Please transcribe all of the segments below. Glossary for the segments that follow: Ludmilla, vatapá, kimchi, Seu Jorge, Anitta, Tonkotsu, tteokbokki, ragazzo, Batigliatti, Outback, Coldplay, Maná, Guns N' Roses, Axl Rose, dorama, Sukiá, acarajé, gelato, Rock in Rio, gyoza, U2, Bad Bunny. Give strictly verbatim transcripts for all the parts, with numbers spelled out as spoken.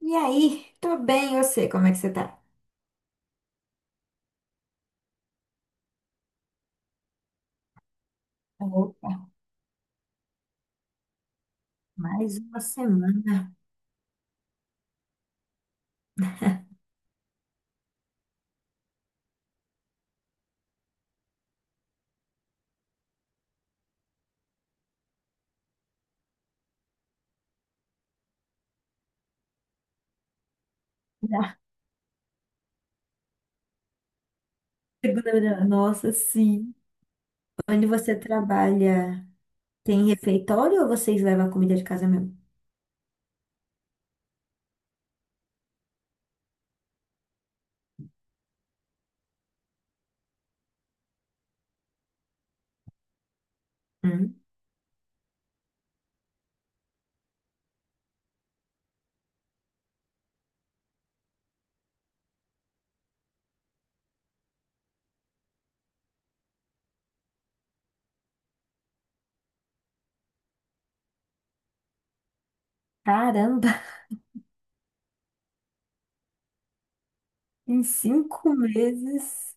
E aí, tô bem, eu sei como é que você tá? Opa, mais uma semana. Da segunda, nossa, sim. Onde você trabalha, tem refeitório ou vocês levam a comida de casa mesmo? Hum, caramba. Em cinco meses,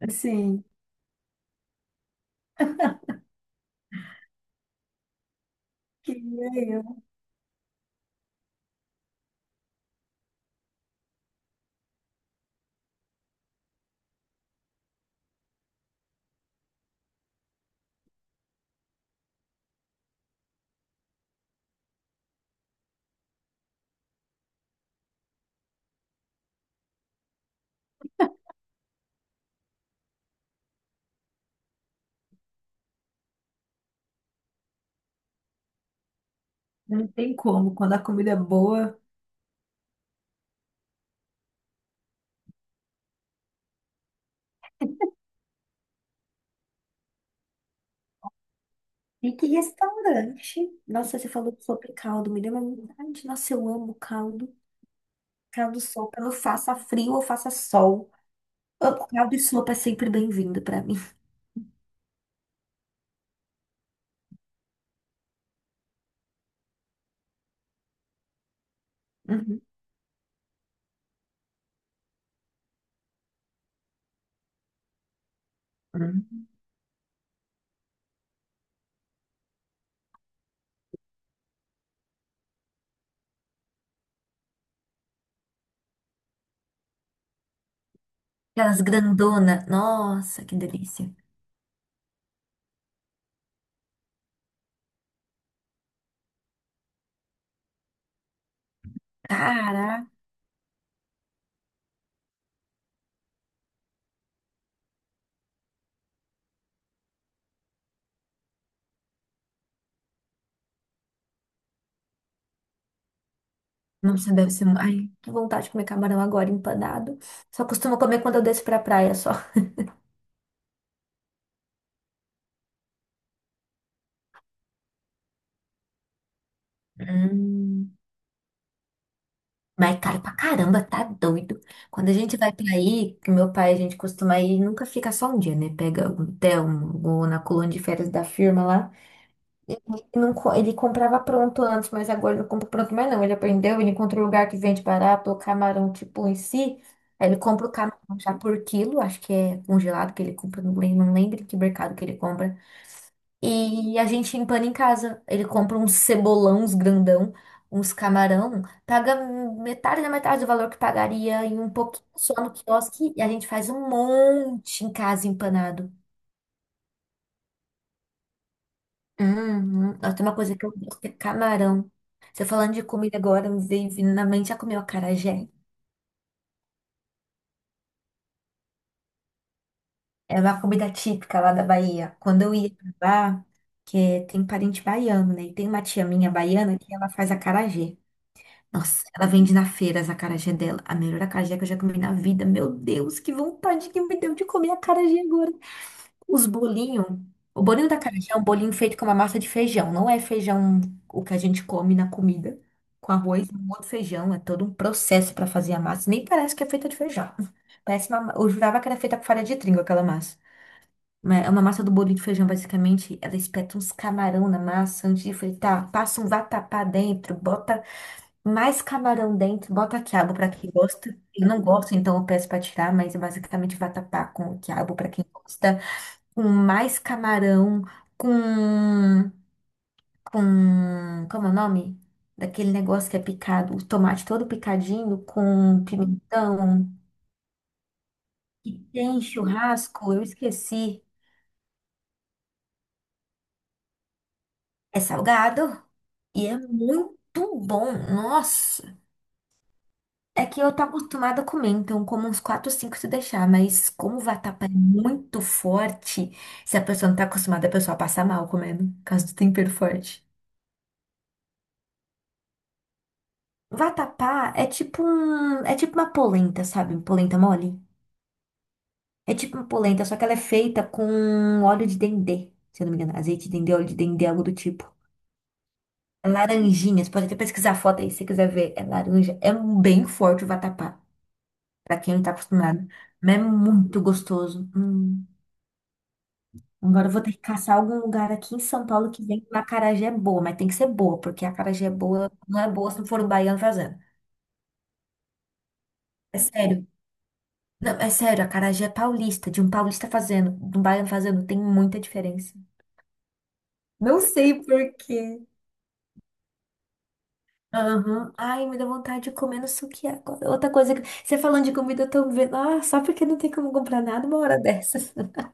assim, queria eu. Não tem como, quando a comida é boa. E que restaurante? Nossa, você falou sobre caldo, me deu uma vontade. Nossa, eu amo caldo. Caldo sol, quando faça frio ou faça sol. Ô, caldo e sopa é sempre bem-vindo pra mim. Uhum. Uhum. Aquelas grandona. Nossa, que delícia. Cara, nossa, deve ser. mu- Ai, que vontade de comer camarão agora empanado. Só costumo comer quando eu desço pra praia só. Hum. Mas é caro pra caramba, tá doido. Quando a gente vai pra aí, que meu pai, a gente costuma ir, nunca fica só um dia, né? Pega um hotel, um- ou na colônia de férias da firma lá. Ele, não co- ele comprava pronto antes, mas agora ele não compra pronto mais não. Ele aprendeu, ele encontrou um lugar que vende barato, o camarão tipo em si. Aí ele compra o camarão já por quilo, acho que é congelado que ele compra, não lembro, não lembro que mercado que ele compra. E a gente empana em casa. Ele compra uns cebolão, uns grandão, uns camarão, paga metade da metade do valor que pagaria e um pouquinho só no quiosque. E a gente faz um monte em casa empanado. Uhum. Nossa, tem uma coisa que eu gosto, que é camarão. Você falando de comida agora, me veio vindo na mente, já comeu acarajé? É uma comida típica lá da Bahia. Quando eu ia pra lá, que é- tem parente baiano, né? E tem uma tia minha baiana que ela faz acarajé. Nossa, ela vende na feira as acarajé dela. A melhor acarajé que eu já comi na vida. Meu Deus, que vontade que me deu de comer acarajé agora. Os bolinhos. O bolinho da acarajé é um bolinho feito com uma massa de feijão. Não é feijão o que a gente come na comida. Com arroz e um outro feijão. É todo um processo para fazer a massa. Nem parece que é feita de feijão. Parece uma... Eu jurava que era feita com farinha de trigo aquela massa. Mas é uma massa do bolinho de feijão, basicamente. Ela espeta uns camarão na massa antes de fritar. Passa um vatapá dentro. Bota mais camarão dentro. Bota quiabo para quem gosta. Eu não gosto, então eu peço para tirar. Mas é basicamente vatapá com quiabo para quem gosta com mais camarão, com, com, como é o nome? Daquele negócio que é picado, o tomate todo picadinho com pimentão, que tem churrasco, eu esqueci. É salgado e é muito bom, nossa. É que eu tô acostumada a comer, então como uns quatro cinco se deixar, mas como o vatapá é muito forte, se a pessoa não tá acostumada, a pessoa passa mal comendo, por causa do tempero forte. Vatapá é tipo um, é tipo uma polenta, sabe? Um polenta mole. É tipo uma polenta, só que ela é feita com óleo de dendê, se eu não me engano. Azeite de dendê, óleo de dendê, algo do tipo. É laranjinha, você pode até pesquisar a foto aí se você quiser ver. É laranja. É um bem forte o vatapá, pra quem não tá acostumado. Mas é muito gostoso. Hum. Agora eu vou ter que caçar algum lugar aqui em São Paulo que vem com acarajé boa, mas tem que ser boa, porque a acarajé boa não é boa se não for o baiano fazendo. É sério. Não, é sério, acarajé é paulista, de um paulista fazendo, de um baiano fazendo, tem muita diferença. Não sei por quê. Aham. Ai, me dá vontade de comer no suki agora. Outra coisa que. Você falando de comida, eu tô vendo. Ah, só porque não tem como comprar nada uma hora dessas.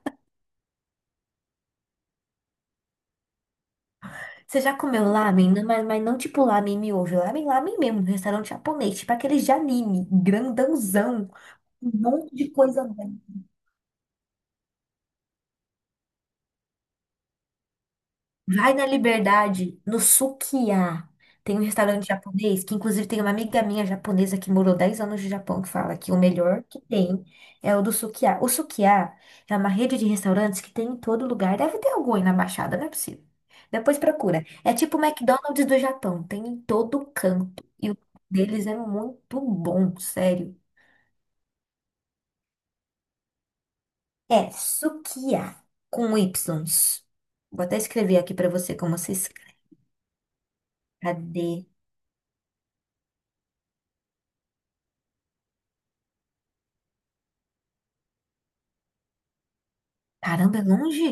Você já comeu lamen? Não. Mas, mas não tipo lamen miojo. Lamen, lamen mesmo. Restaurante japonês. Tipo aqueles de anime. Grandãozão. Um monte de coisa. Vai na Liberdade, no Sukiá. Tem um restaurante japonês, que inclusive tem uma amiga minha japonesa que morou dez anos no Japão, que fala que o melhor que tem é o do Sukiá. O Sukiá é uma rede de restaurantes que tem em todo lugar. Deve ter algum aí na Baixada, não é possível. Depois procura. É tipo o McDonald's do Japão, tem em todo canto. E o deles é muito bom, sério. É Sukiá, com Y. Vou até escrever aqui pra você como se escreve. Cadê? Caramba, é longe?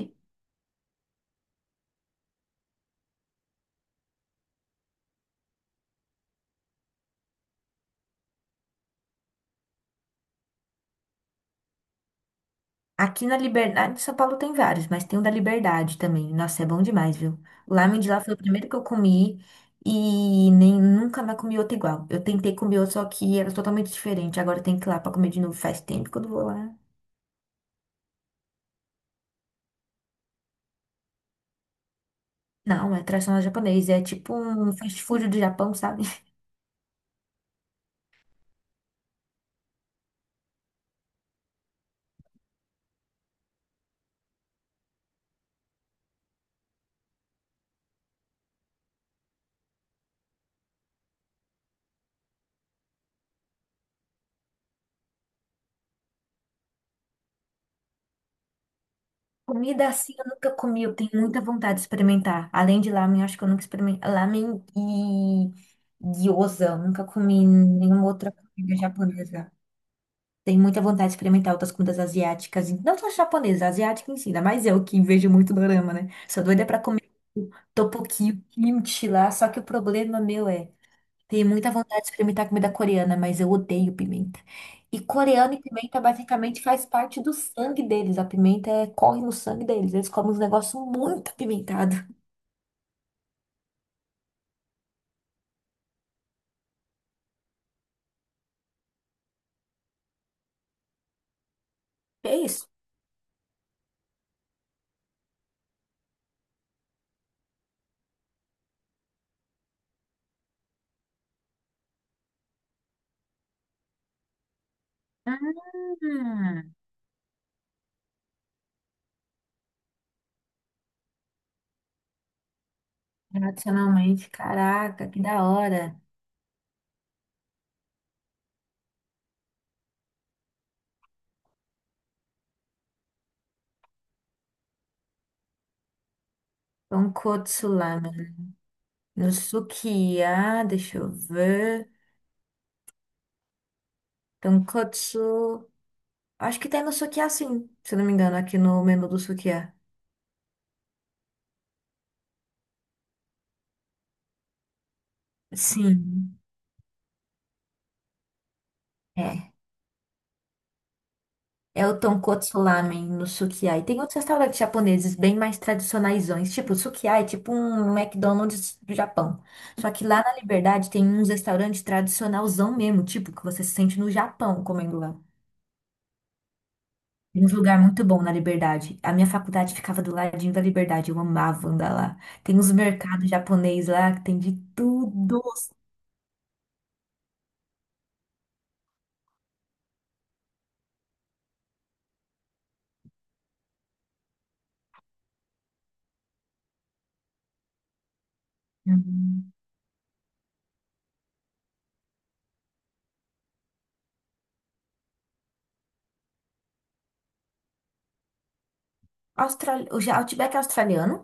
Aqui na Liberdade, em São Paulo tem vários, mas tem o da Liberdade também. Nossa, é bom demais, viu? O lamen de lá foi o primeiro que eu comi e nem nunca mais comi outro igual. Eu tentei comer outro, só que era totalmente diferente. Agora eu tenho que ir lá pra comer de novo. Faz tempo que eu não vou lá. Não, é tradicional japonês, é tipo um fast food do Japão, sabe? Comida assim eu nunca comi, eu tenho muita vontade de experimentar. Além de lamen, acho que eu nunca experimentei. Lamen e gyoza, eu nunca comi nenhuma outra comida japonesa. Tenho muita vontade de experimentar outras comidas asiáticas, e não só japonesa, asiática em si, ainda mais eu que vejo muito dorama, né? Sou doida pra comer o tteokbokki, o kimchi lá, só que o problema meu é, tenho muita vontade de experimentar comida coreana, mas eu odeio pimenta. E coreano e pimenta basicamente faz parte do sangue deles, a pimenta é- corre no sangue deles, eles comem uns negócios muito apimentados. É isso. Hum, tradicionalmente, caraca, que da hora. Tonkotsu lá. No Sukiá, deixa eu ver. Tonkotsu. Acho que tem no Sukiá, sim, se não me engano, aqui no menu do Sukiá. Sim, é. É o Tonkotsu Ramen no Sukiá. E tem outros restaurantes japoneses bem mais tradicionaisões. Tipo, o Sukiá é tipo um McDonald's do Japão. Só que lá na Liberdade tem uns restaurantes tradicionalzão mesmo, tipo, que você se sente no Japão comendo lá. Em um lugar muito bom na Liberdade. A minha faculdade ficava do ladinho da Liberdade. Eu amava andar lá. Tem uns mercados japoneses lá que tem de tudo. Hum. Austral... O ja- Outback é australiano?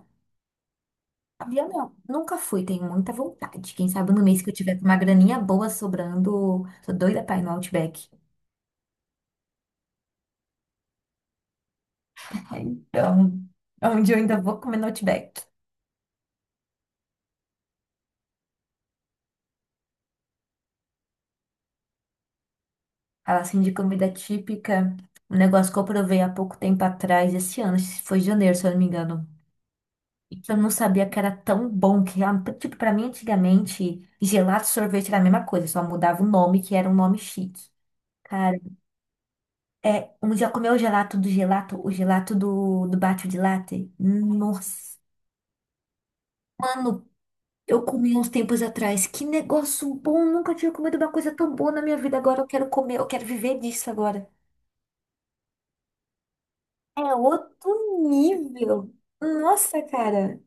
Havia não. Nunca fui, tenho muita vontade. Quem sabe no mês que eu tiver com uma graninha boa sobrando. Sou doida pra ir no Outback. Então, é onde eu ainda vou comer no Outback. Fala assim de comida típica. Um negócio que eu provei há pouco tempo atrás, esse ano, foi em janeiro, se eu não me engano, e que eu não sabia que era tão bom, que ah, tipo, pra mim antigamente, gelato e sorvete era a mesma coisa, só mudava o nome, que era um nome chique. Cara, é, um dia comeu o gelato do gelato, o gelato do, do bate de latte. Nossa. Mano, eu comi uns tempos atrás. Que negócio bom, nunca tinha comido uma coisa tão boa na minha vida. Agora eu quero comer, eu quero viver disso agora. É outro nível. Nossa, cara.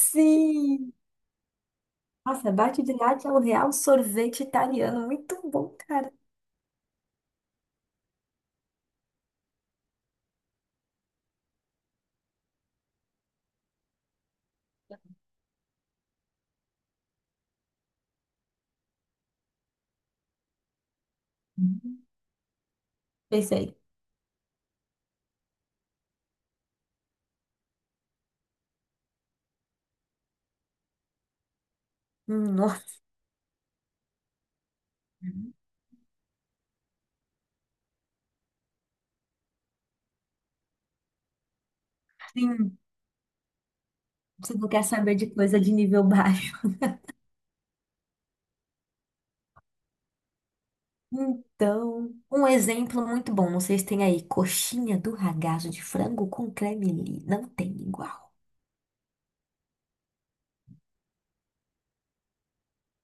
Sim. Nossa, Batigliatti é o real sorvete italiano. Muito bom, cara. Uhum. Pensei, hum, nossa, sim, se você quer saber de coisa de nível baixo. Então, um exemplo muito bom, não sei se tem aí, coxinha do ragazzo de frango com creme li. Não tem igual.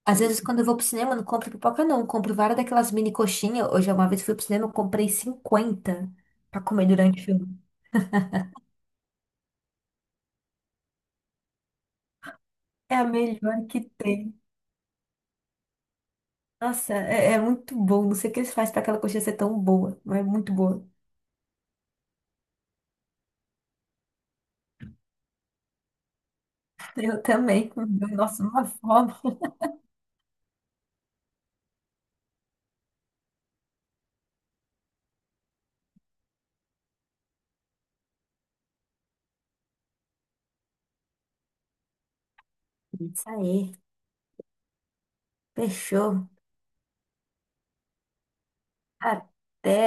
Às vezes, quando eu vou pro cinema, eu não compro pipoca, não. Eu compro várias daquelas mini coxinhas. Hoje, uma vez fui pro cinema, eu comprei cinquenta pra comer durante o filme. É a melhor que tem. Nossa, é, é muito bom. Não sei o que eles fazem para aquela coxinha ser tão boa, mas é muito boa. Eu também. Nossa, uma fome. Isso aí. Fechou. Até.